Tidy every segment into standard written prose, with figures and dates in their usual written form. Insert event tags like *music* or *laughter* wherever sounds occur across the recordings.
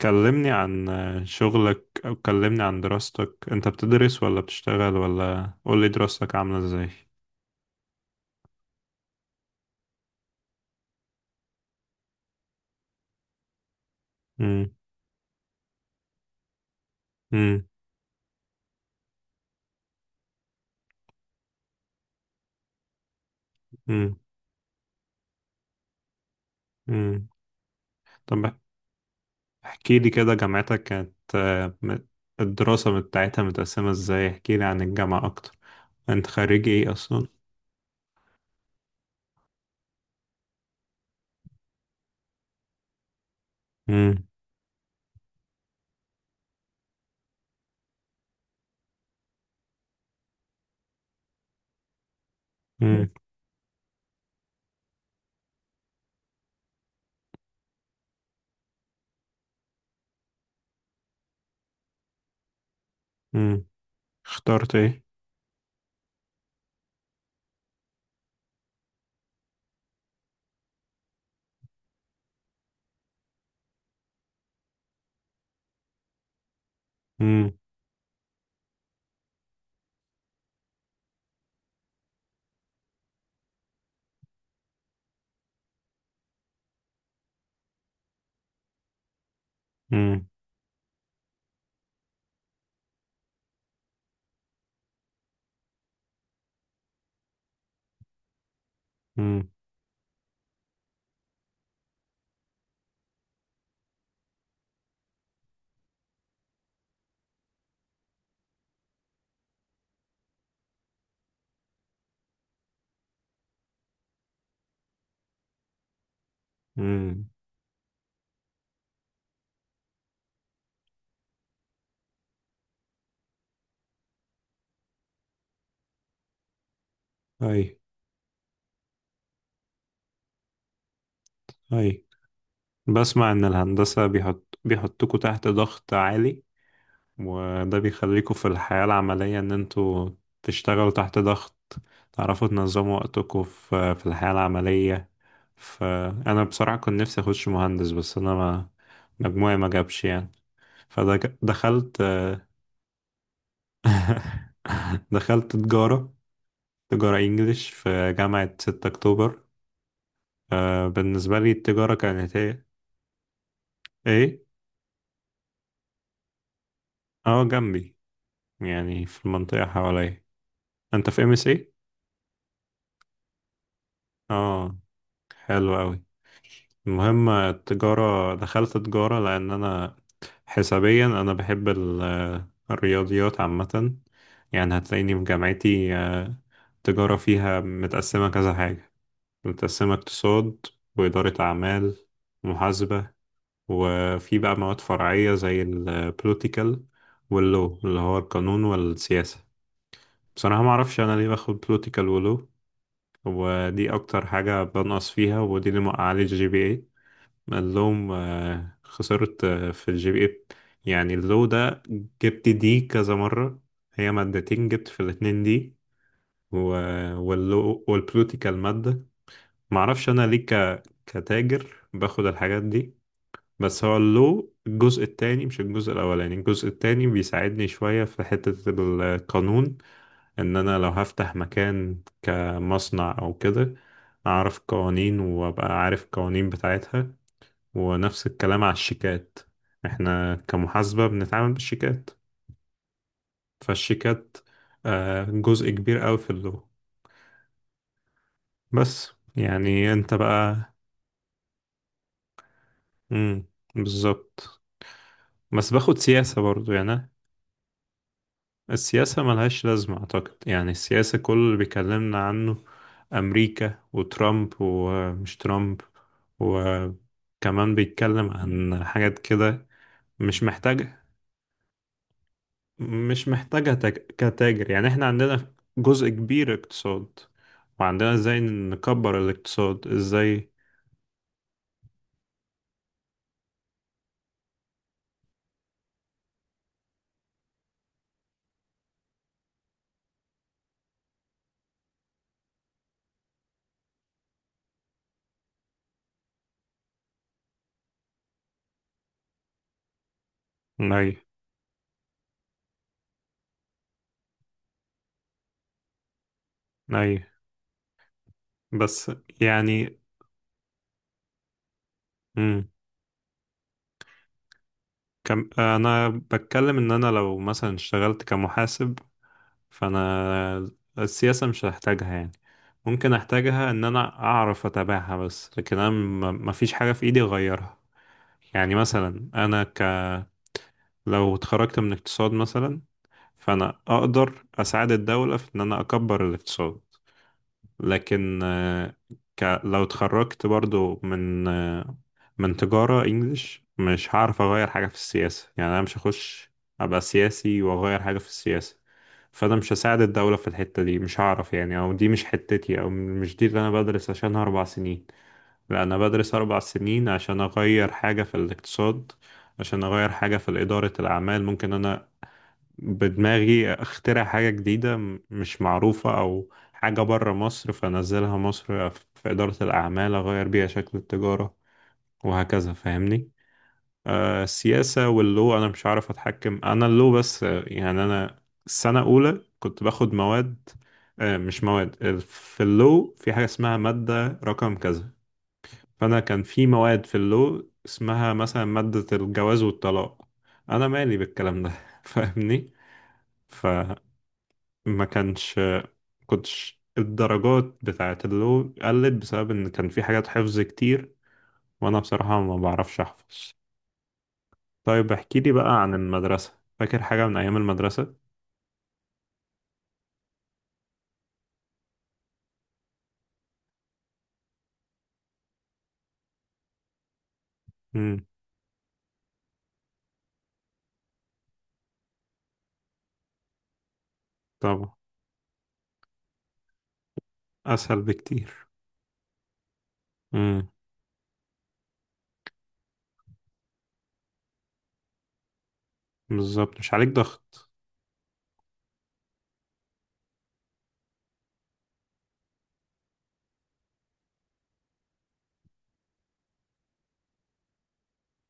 كلمني عن شغلك، أو كلمني عن دراستك. أنت بتدرس ولا بتشتغل؟ ولا قولي دراستك عاملة إزاي؟ مم. مم. مم. مم. طب احكي لي كده، جامعتك كانت الدراسة بتاعتها متقسمة إزاي؟ احكي لي عن الجامعة أكتر. أنت خريج إيه أصلا؟ مم. مم. مم. اخترت إيه؟ مم. مم. مم. مم. أي، أي. بسمع إن الهندسة بيحطكوا تحت ضغط عالي، وده بيخليكوا في الحياة العملية إن انتوا تشتغلوا تحت ضغط، تعرفوا تنظموا وقتكوا في الحياة العملية. فأنا بصراحة كنت نفسي أخش مهندس، بس أنا ما مجموعي ما جابش يعني، فدخلت. *laughs* دخلت تجارة، تجارة إنجليش في جامعة 6 أكتوبر. بالنسبة لي التجارة كانت إيه؟ إيه؟ أه، جنبي، يعني في المنطقة حواليا. أنت في ام اس ايه؟ أه. حلو أوي. المهم التجارة، دخلت تجارة لأن أنا حسابيا، أنا بحب الرياضيات عامة. يعني هتلاقيني في جامعتي، التجارة فيها متقسمة كذا حاجة، متقسمة اقتصاد وإدارة أعمال ومحاسبة. وفي بقى مواد فرعية زي البوليتيكال واللو، اللي هو القانون والسياسة. بصراحة معرفش أنا ليه باخد بوليتيكال ولو، ودي أكتر حاجة بنقص فيها، ودي اللي موقعالي الجي بي. قال لهم خسرت في الجي بي اي. يعني اللو ده جبت دي كذا مرة، هي مادتين جبت في الاتنين دي و... واللو والبلوتيكال مادة. معرفش أنا ليه كتاجر باخد الحاجات دي. بس هو اللو الجزء التاني، مش الجزء الأولاني، الجزء التاني بيساعدني شوية في حتة القانون. إن أنا لو هفتح مكان كمصنع أو كده، أعرف قوانين وأبقى عارف القوانين بتاعتها. ونفس الكلام على الشيكات، احنا كمحاسبة بنتعامل بالشيكات، فالشيكات جزء كبير قوي في اللغة. بس يعني انت بقى. مم. بالظبط. بس باخد سياسة برضو، يعني أنا السياسة ملهاش لازمة أعتقد. يعني السياسة كل اللي بيكلمنا عنه أمريكا وترامب، ومش ترامب وكمان بيتكلم عن حاجات كده. مش محتاجة، مش محتاجة كتاجر. يعني احنا عندنا جزء كبير اقتصاد، وعندنا ازاي نكبر الاقتصاد ازاي. اي، اي. بس يعني. مم. كم انا بتكلم ان انا لو مثلا اشتغلت كمحاسب، فانا السياسة مش هحتاجها يعني. ممكن احتاجها ان انا اعرف اتابعها، بس لكن انا ما فيش حاجة في ايدي اغيرها. يعني مثلا انا لو اتخرجت من اقتصاد مثلا، فانا اقدر اساعد الدولة في ان انا اكبر الاقتصاد. لكن لو اتخرجت برضو من من تجارة انجليش، مش هعرف اغير حاجة في السياسة. يعني انا مش هخش ابقى سياسي واغير حاجة في السياسة. فانا مش هساعد الدولة في الحتة دي، مش هعرف يعني. او دي مش حتتي، او مش دي اللي انا بدرس عشانها 4 سنين. لا، انا بدرس 4 سنين عشان اغير حاجة في الاقتصاد، عشان اغير حاجة في ادارة الاعمال. ممكن انا بدماغي اخترع حاجة جديدة مش معروفة، او حاجة بره مصر فانزلها مصر في إدارة الأعمال اغير بيها شكل التجارة وهكذا، فاهمني. السياسة واللو انا مش عارف اتحكم. انا اللو بس يعني انا السنة الاولى كنت باخد مواد. مش مواد في اللو في حاجة اسمها مادة رقم كذا. فانا كان في مواد في اللو اسمها مثلا مادة الجواز والطلاق. انا مالي بالكلام ده. *laughs* فاهمني. ما كانش كنتش الدرجات بتاعت اللو قلت بسبب ان كان في حاجات حفظ كتير، وانا بصراحة ما بعرفش احفظ. طيب احكي لي بقى عن المدرسة، فاكر حاجة من ايام المدرسة؟ امم. طبعا. اسهل بكتير. امم. بالظبط، مش عليك ضغط.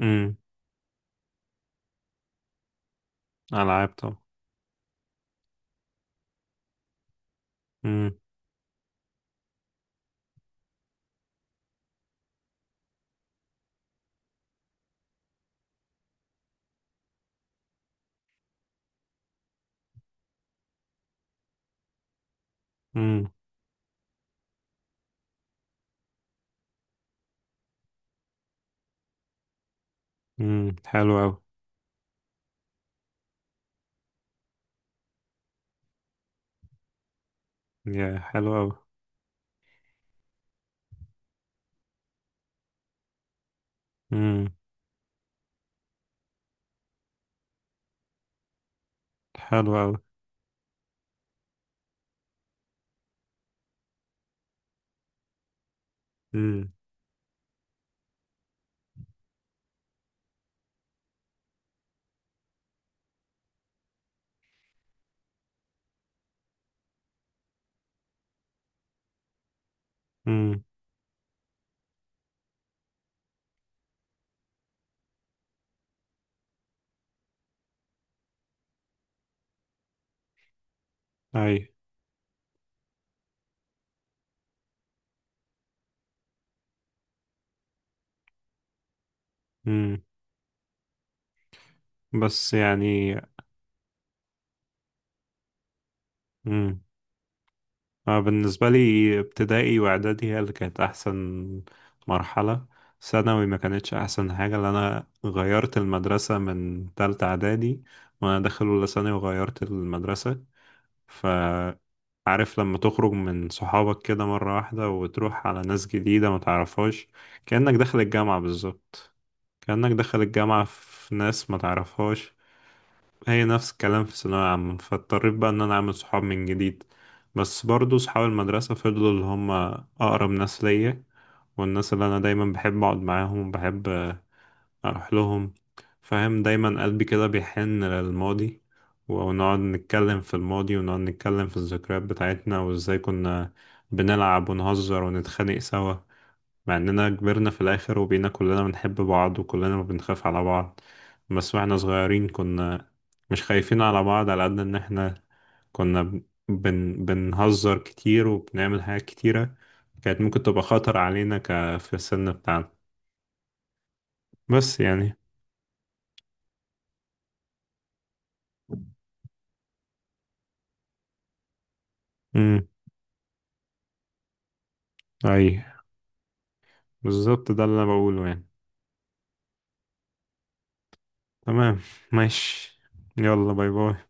امم. العاب طبعا. امم. امم. امم. حلو قوي. يا حلو قوي. امم. حلو قوي. امم. امم. اي. امم. بس يعني. أنا بالنسبة لي، ابتدائي وإعدادي هي اللي كانت أحسن مرحلة. ثانوي ما كانتش أحسن حاجة، لأن أنا غيرت المدرسة من تالتة إعدادي، وأنا داخل أولى ثانوي وغيرت المدرسة. فعارف لما تخرج من صحابك كده مرة واحدة، وتروح على ناس جديدة ما تعرفهاش، كأنك داخل الجامعة بالظبط. كأنك داخل الجامعة في ناس ما تعرفهاش. هي نفس الكلام في ثانوية عامة، فاضطريت بقى إن أنا أعمل صحاب من جديد. بس برضو صحاب المدرسة فضلوا اللي هم أقرب ناس ليا، والناس اللي أنا دايما بحب أقعد معاهم وبحب أروح لهم، فاهم؟ دايما قلبي كده بيحن للماضي. ونقعد نتكلم في الماضي، ونقعد نتكلم في الذكريات بتاعتنا وإزاي كنا بنلعب ونهزر ونتخانق سوا. مع اننا كبرنا في الاخر وبقينا كلنا بنحب بعض وكلنا بنخاف على بعض. بس واحنا صغيرين كنا مش خايفين على بعض، على قد ان احنا كنا بنهزر كتير وبنعمل حاجات كتيرة كانت ممكن تبقى خطر علينا في السن بتاعنا. بس يعني. امم. اي، بالظبط ده اللي انا بقوله يعني. تمام. ماشي. يلا باي باي.